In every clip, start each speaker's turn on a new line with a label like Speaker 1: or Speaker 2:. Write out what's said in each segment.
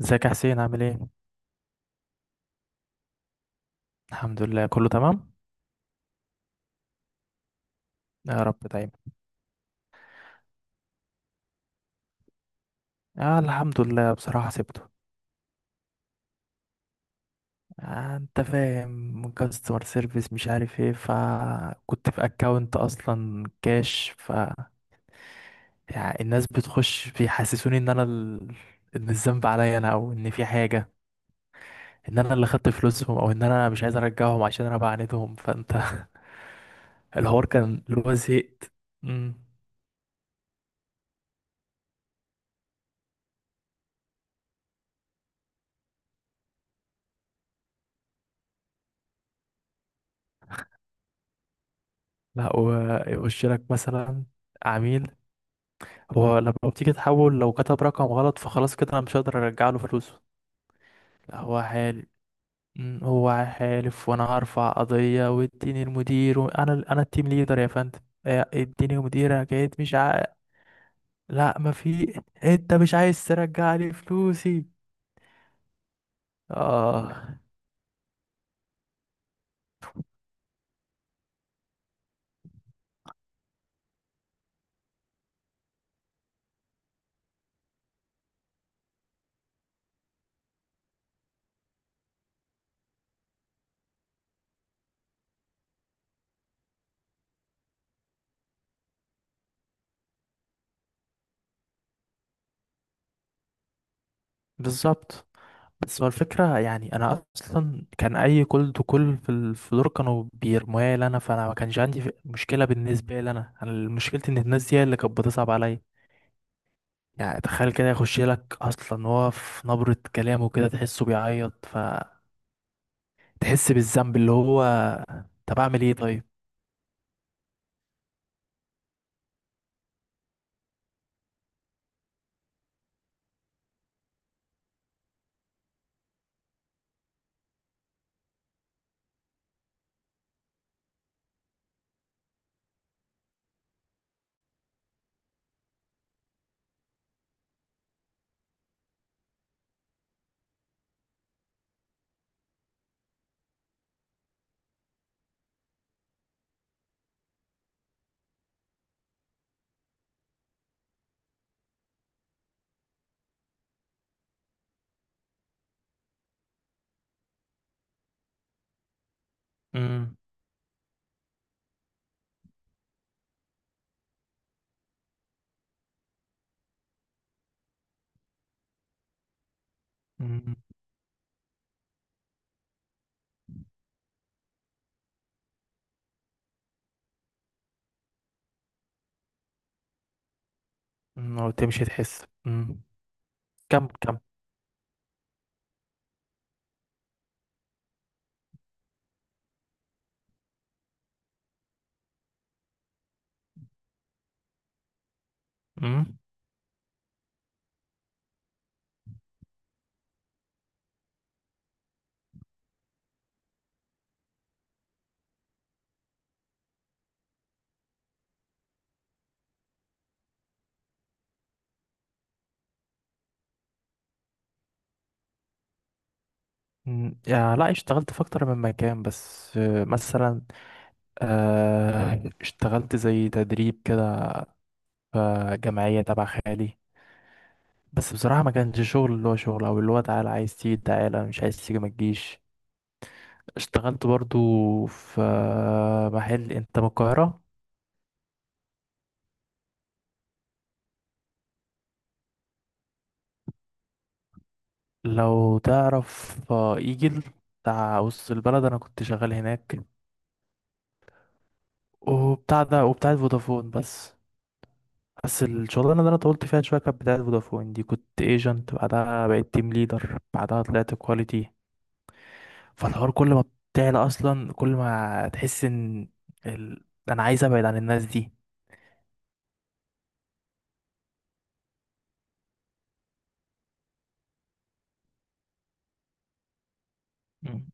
Speaker 1: ازيك يا حسين عامل ايه؟ الحمد لله كله تمام. يا رب دايما. آه، الحمد لله. بصراحة سبته. آه، انت فاهم، كاستمر سيرفيس مش عارف ايه، فكنت في اكونت اصلا كاش يعني الناس بتخش بيحسسوني ان انا ان الذنب عليا انا، او ان في حاجة، ان انا اللي خدت فلوسهم، او ان انا مش عايز ارجعهم عشان انا بعاندهم، فانت... الحوار كان اللي هو زهقت. مم. لا، ويخش لك مثلا عميل. هو لما بتيجي تحول، لو كتب رقم غلط فخلاص كده انا مش هقدر ارجع له فلوسه. لا، هو حال. مم، هو حالف وانا هرفع قضية، واديني المدير انا التيم ليدر يا فندم. آه، اديني مدير حكاية مش لا ما في، انت مش عايز ترجع لي فلوسي. اه. بالظبط. بس هو الفكرة يعني، انا اصلا كان اي كل تو كل في ال- في دول كانوا بيرموها لي انا، فانا ما كانش عندي مشكلة بالنسبة لي أنا مشكلتي ان الناس دي هي اللي كانت بتصعب عليا. يعني تخيل كده يخش لك، اصلا هو في نبرة كلامه كده تحسه بيعيط، فتحس بالذنب اللي هو... طب اعمل ايه طيب؟ امم. امم. أمم، وتمشي تحس. امم. كم كم. امم. أمم، يا لا، اشتغلت في اكتر من مكان بس. مثلا اشتغلت زي تدريب كده في جمعية تبع خالي، بس بصراحة ما كانش شغل، اللي هو شغل او اللي هو تعالى عايز تيجي تعالى مش عايز تيجي ما تجيش. اشتغلت برضو في محل. انت من القاهرة؟ لو تعرف ايجل بتاع وسط البلد، انا كنت شغال هناك. وبتاع ده، وبتاع فودافون بس. بس الشغلانة اللي انا طولت فيها شوية كانت بتاعت فودافون دي، كنت ايجنت بعدها بقيت تيم ليدر بعدها طلعت كواليتي. فالحوار كل ما بتعلى اصلا، كل ما تحس ان انا عايز ابعد عن الناس دي. مم.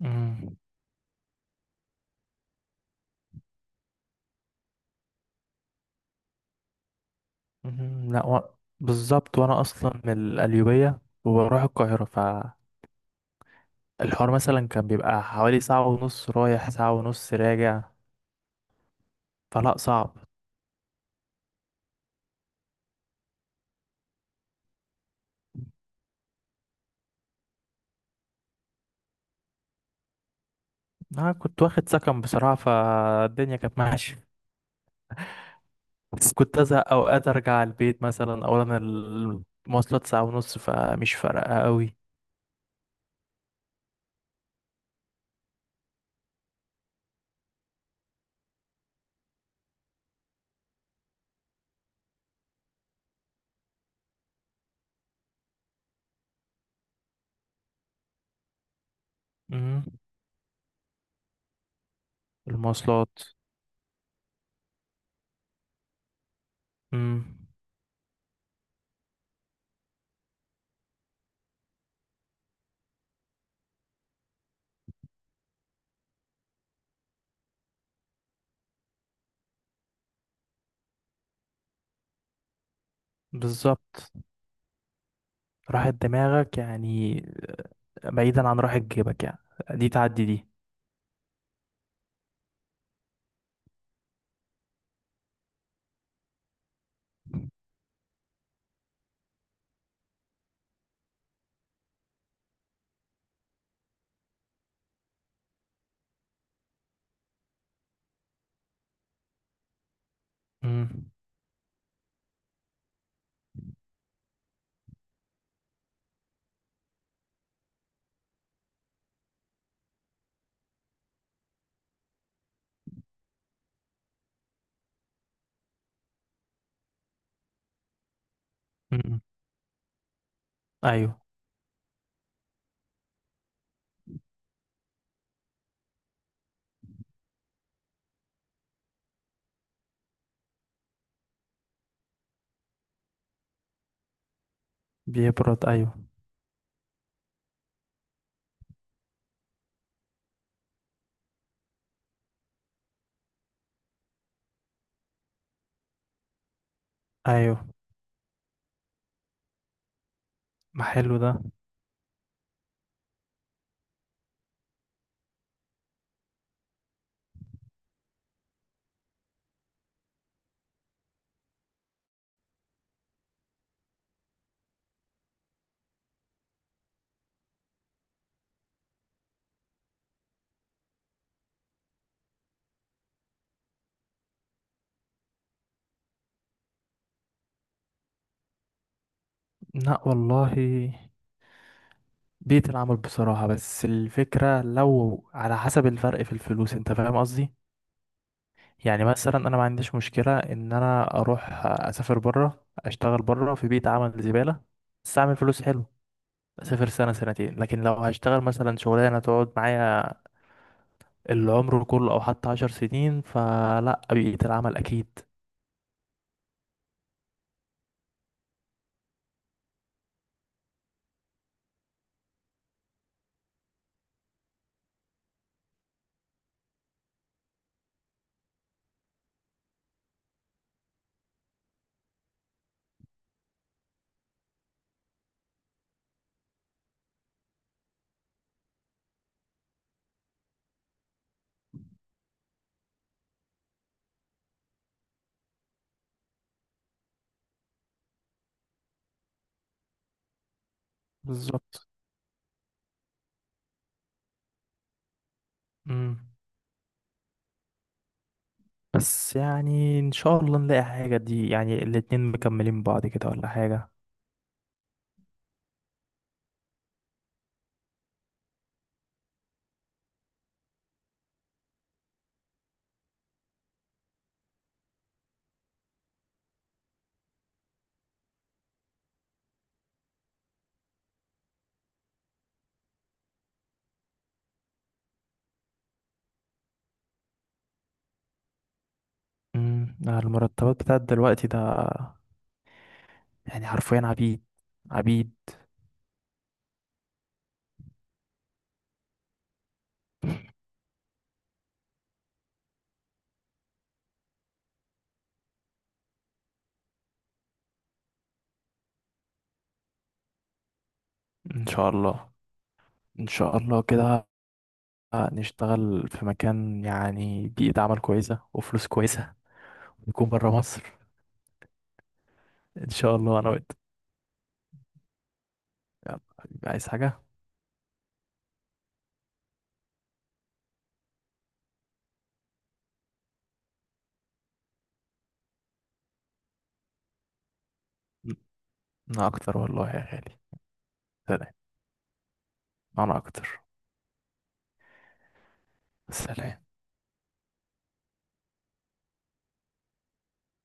Speaker 1: مم. مهم. لا بالظبط، وانا اصلا من القليوبيه وبروح القاهره، فالحوار مثلا كان بيبقى حوالي ساعه ونص رايح ساعه ونص راجع. فلا، صعب. انا كنت واخد سكن بصراحه، فالدنيا كانت ماشيه. بس كنت ازهق اوقات ارجع على البيت مثلا. اولا المواصلات ساعه ونص، فمش فارقه قوي. مم. المواصلات. مم. بالظبط. راحة دماغك يعني، بعيدا عن راحة جيبك يعني، دي تعدي دي. مم. مم. ايوه، بيبرد، ايوه. ايوه، ما حلو ده. لا والله، بيئة العمل بصراحة. بس الفكرة لو على حسب الفرق في الفلوس، انت فاهم قصدي. يعني مثلا انا ما عنديش مشكلة ان انا اروح اسافر بره، اشتغل بره في بيئة عمل زبالة بس اعمل فلوس حلو، اسافر سنة سنتين. لكن لو هشتغل مثلا شغلانة تقعد معايا العمر كله او حتى 10 سنين، فلا، بيئة العمل اكيد. بالظبط. امم. بس يعني ان شاء الله نلاقي حاجة دي، يعني الاتنين مكملين بعض كده ولا حاجة. امم. المرتبات بتاعت دلوقتي ده يعني حرفيا عبيد، عبيد. ان شاء الله. ان شاء الله كده نشتغل في مكان، يعني بيئة عمل كويسة وفلوس كويسة، نكون برا مصر. ان شاء الله انا وانت. يلا حبيبي، عايز حاجة؟ انا اكتر والله يا غالي. سلام. انا اكتر. سلام.